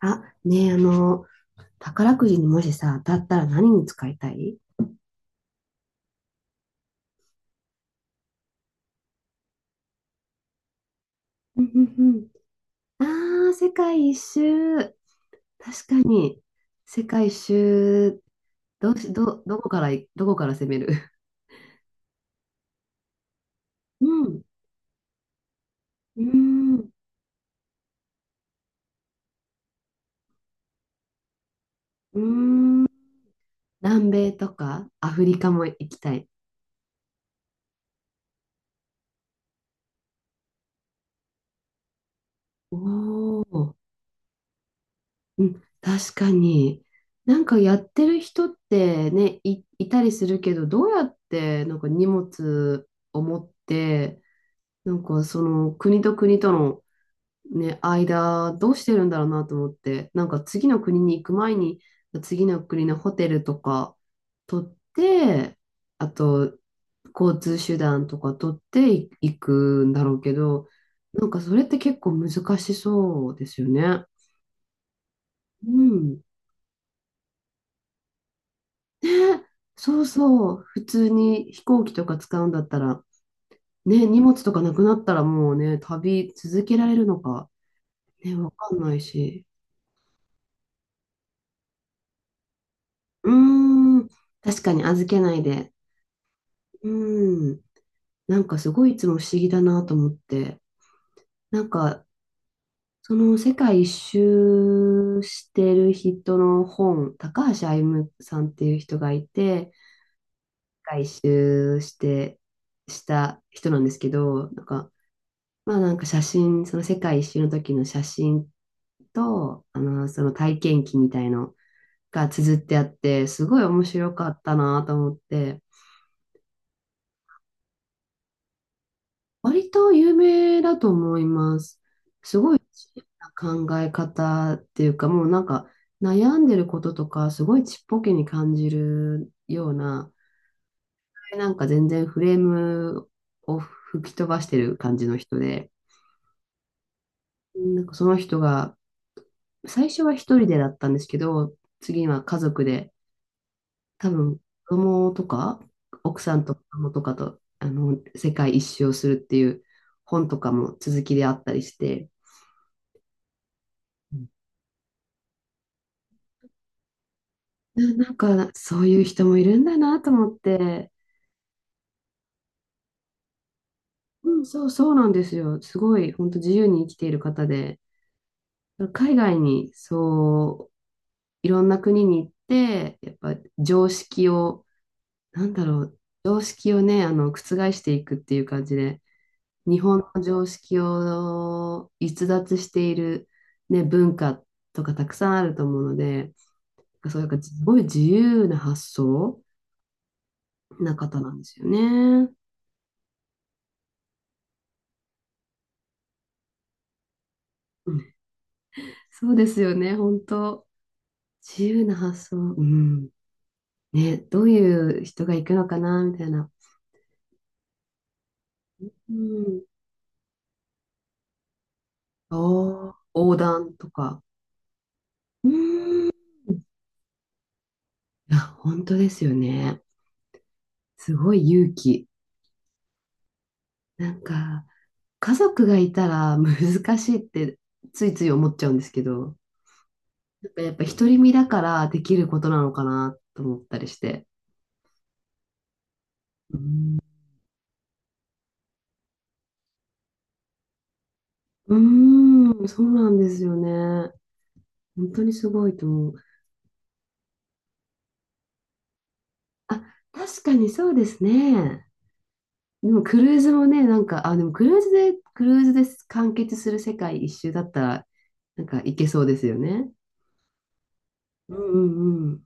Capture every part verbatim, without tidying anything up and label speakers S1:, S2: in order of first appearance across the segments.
S1: あ、ねえ、あの、宝くじにもしさ、当たったら何に使いたい？うんうんうん。ああ、世界一周。確かに、世界一周、どうし、ど、どこからい、どこから攻める？うん。うん。うん。南米とかアフリカも行きたい。おお。うん。確かに。なんかやってる人ってね、い、いたりするけど、どうやってなんか荷物を持って、なんかその国と国とのね、間どうしてるんだろうなと思って、なんか次の国に行く前に、次の国のホテルとか取って、あと交通手段とか取ってい行くんだろうけど、なんかそれって結構難しそうですよね。うん。ね、そうそう。普通に飛行機とか使うんだったら、ね、荷物とかなくなったらもうね、旅続けられるのか、ね、わかんないし。うーん、確かに預けないで。うーん、なんかすごいいつも不思議だなと思って。なんか、その世界一周してる人の本、高橋歩さんっていう人がいて、世界一周して、した人なんですけど、なんか、まあなんか写真、その世界一周の時の写真と、あの、その体験記みたいのが綴ってあって、すごい面白かったなと思って。割と有名だと思います。すごい自由な考え方っていうか、もうなんか悩んでることとか、すごいちっぽけに感じるような、なんか全然フレームを吹き飛ばしてる感じの人で、なんかその人が、最初は一人でだったんですけど、次は家族で、多分子供とか、奥さんと子供とかと、あの、世界一周をするっていう本とかも続きであったりして、ななんか、そういう人もいるんだなと思って、うん、そう、そうなんですよ。すごい、本当自由に生きている方で、海外に、そう、いろんな国に行って、やっぱ常識を、なんだろう、常識をね、あの、覆していくっていう感じで、日本の常識を逸脱している、ね、文化とかたくさんあると思うので、そういうか、すごい自由な発想な方なんですよね。そうですよね、本当。自由な発想。うん。ね、どういう人が行くのかな、みたいな。うん。おー、横断とか。うん。いや、本当ですよね。すごい勇気。なんか、家族がいたら難しいってついつい思っちゃうんですけど、なんかやっぱ独り身だからできることなのかなと思ったりして。うん、うーんそうなんですよね。本当にすごいと思う。あ、確かにそうですね。でもクルーズもね、なんか、あ、でもクルーズで、クルーズで完結する世界一周だったら、なんか行けそうですよね。うんうんうん。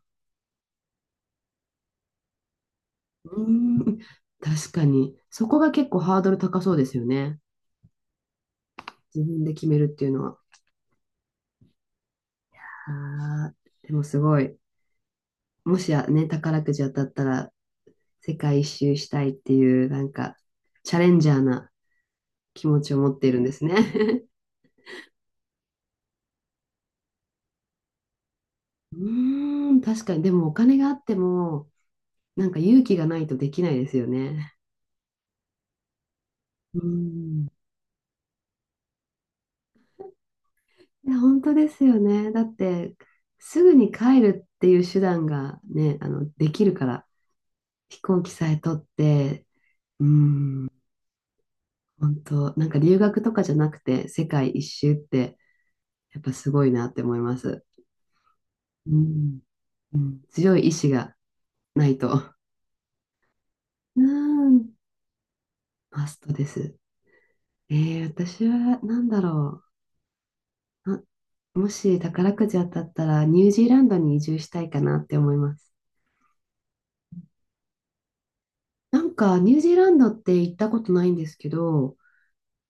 S1: うーん、確かに。そこが結構ハードル高そうですよね。自分で決めるっていうのは。あーでもすごい。もしやね、宝くじ当たったら世界一周したいっていう、なんか、チャレンジャーな気持ちを持っているんですね。うーん、確かに。でもお金があっても、なんか勇気がないとできないですよね。うん。いや、本当ですよね。だって、すぐに帰るっていう手段がね、あの、できるから、飛行機さえ取って、うん、本当、なんか留学とかじゃなくて、世界一周って、やっぱすごいなって思います。うん、うん、強い意志がないと。うん、マストです。えー、私は、なんだろう。あ、もし宝くじ当たったら、ニュージーランドに移住したいかなって思います。なんか、ニュージーランドって行ったことないんですけど、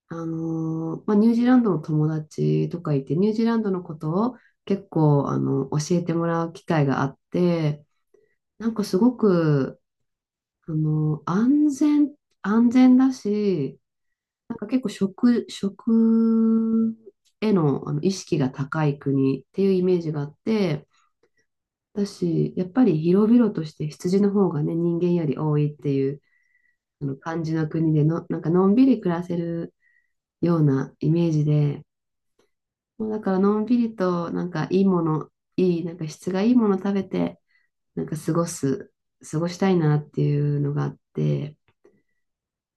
S1: あのーまあ、ニュージーランドの友達とかいて、ニュージーランドのことを結構、あの、教えてもらう機会があって、なんかすごく、あのー安全、安全だし、なんか結構食、食への、あの意識が高い国っていうイメージがあって、私やっぱり広々として羊の方がね、人間より多いっていうあの感じの国での、なんかのんびり暮らせるようなイメージで、もうだからのんびりとなんかいいもの、いい、なんか質がいいもの食べて、なんか過ごす、過ごしたいなっていうのがあって、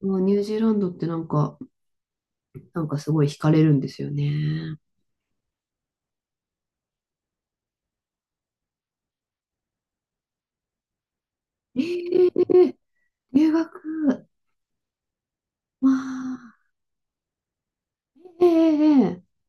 S1: もうニュージーランドってなんか、なんかすごい惹かれるんですよね。ええ、留学、まあ、ええええ、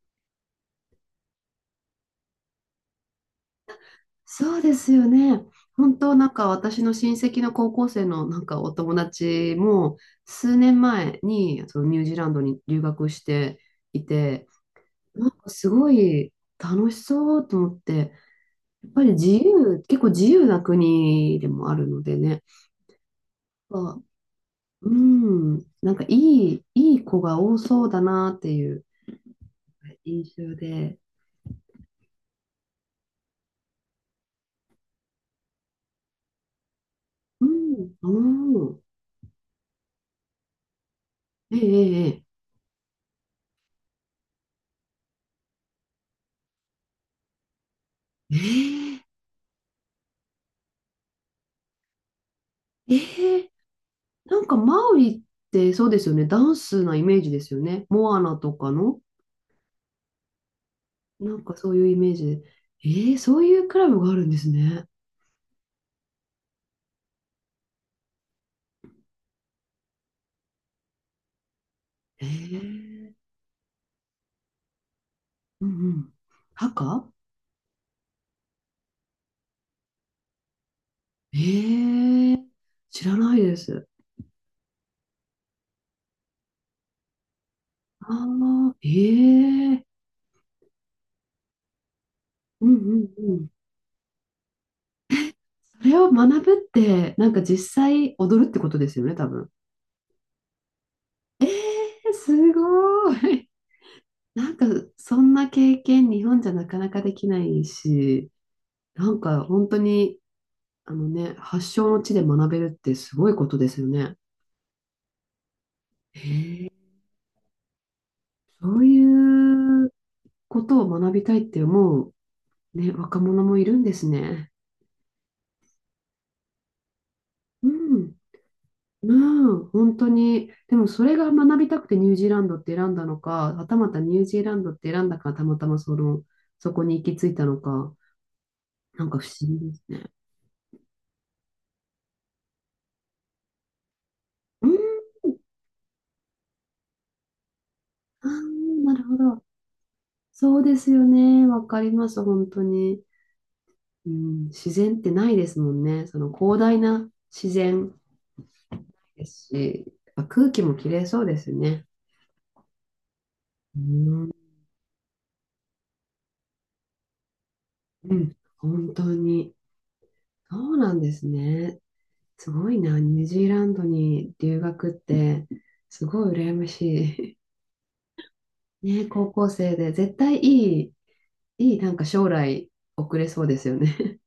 S1: そうですよね。本当なんか私の親戚の高校生のなんかお友達も数年前にそのニュージーランドに留学していて、なんかすごい楽しそうと思って、やっぱり自由、結構自由な国でもあるのでね、あ、うん、なんかいい、いい子が多そうだなっていう印象で、うん、うん、ええ、ええ、ええ、ええ、なんかマオリってそうですよね。ダンスなイメージですよね。モアナとかの、なんかそういうイメージで。えー、そういうクラブがあるんですね。えー、うんうん。ハカ。えー、知らないです。ああ、えー、うんうんうん。それを学ぶって、なんか実際踊るってことですよね、多分。えー、すごい。なんかそんな経験日本じゃなかなかできないし、なんか本当にあのね、発祥の地で学べるってすごいことですよね。へえ、そういうことを学びたいって思う、ね、若者もいるんですね。うん。まあ、本当に。でもそれが学びたくてニュージーランドって選んだのか、はたまたニュージーランドって選んだからたまたまその、そこに行き着いたのか、なんか不思議ですね。うん、あーなるほど。そうですよね。わかります、本当に。うん、自然ってないですもんね。その広大な自然。ですし、やっぱ空気もきれいそうですね。うん、うん、本当に。そうなんですね。すごいな、ニュージーランドに留学って、すごい羨ましい。ね、高校生で、絶対いい、いい、なんか将来送れそうですよね。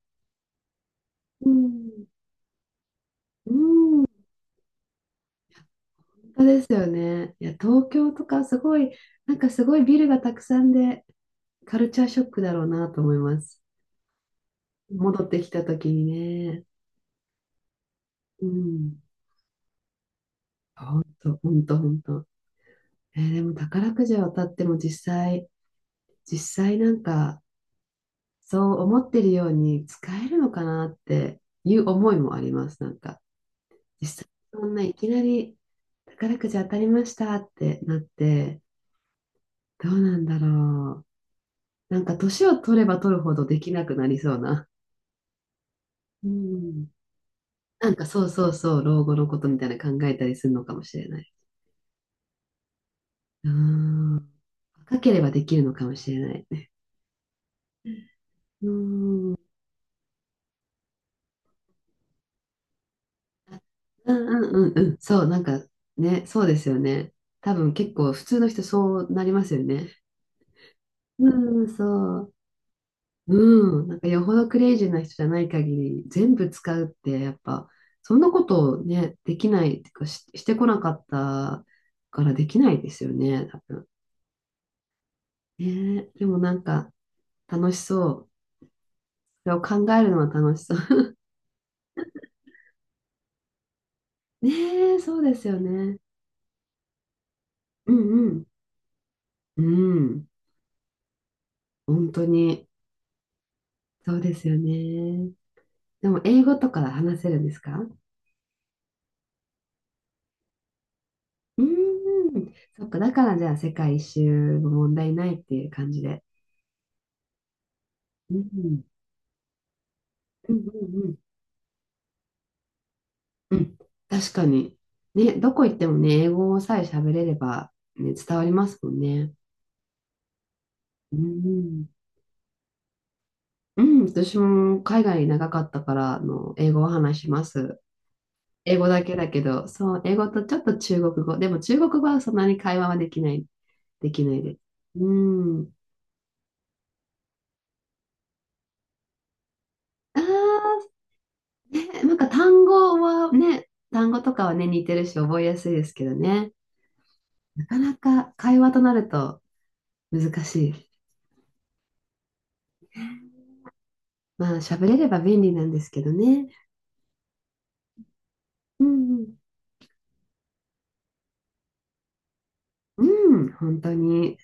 S1: うん、うん、本当ですよね。いや、東京とかすごい、なんかすごいビルがたくさんで、カルチャーショックだろうなと思います。戻ってきた時にね。うん。ほんと、ほんと、ほんと。えーでも宝くじを当たっても実際、実際なんか、そう思ってるように使えるのかなっていう思いもあります。なんか、実際、そんないきなり宝くじ当たりましたってなって、どうなんだろう。なんか、年を取れば取るほどできなくなりそうな。うん。なんか、そうそうそう、老後のことみたいな考えたりするのかもしれない。うん。若ければできるのかもしれない。うんうんうんうんうん。そう、なんかね、そうですよね。多分結構普通の人そうなりますよね。うん、そう。うん。なんかよほどクレイジーな人じゃない限り、全部使うってやっぱ、そんなことをね、できないっていうか、し、してこなかったからできないですよね、多分。ねえ、でもなんか楽しそう。それを考えるのは楽しそう。ねえ、そうですよね。うんうん。うん。本当に、そうですよね。でも英語とか話せるんですか？うーん。そっか、だからじゃあ世界一周も問題ないっていう感じで。うん。うんうんうん。うん。確かに。ね、どこ行ってもね、英語さえ喋れれば、ね、伝わりますもんね。うん。うん、私も海外長かったから、あの、英語を話します。英語だけだけど、そう、英語とちょっと中国語。でも中国語はそんなに会話はできない、できないです。うん。ああ、ね、なんか単語はね、単語とかはね、似てるし覚えやすいですけどね。なかなか会話となると難しい。まあ、喋れれば便利なんですけどね。うんうん。うん、本当に。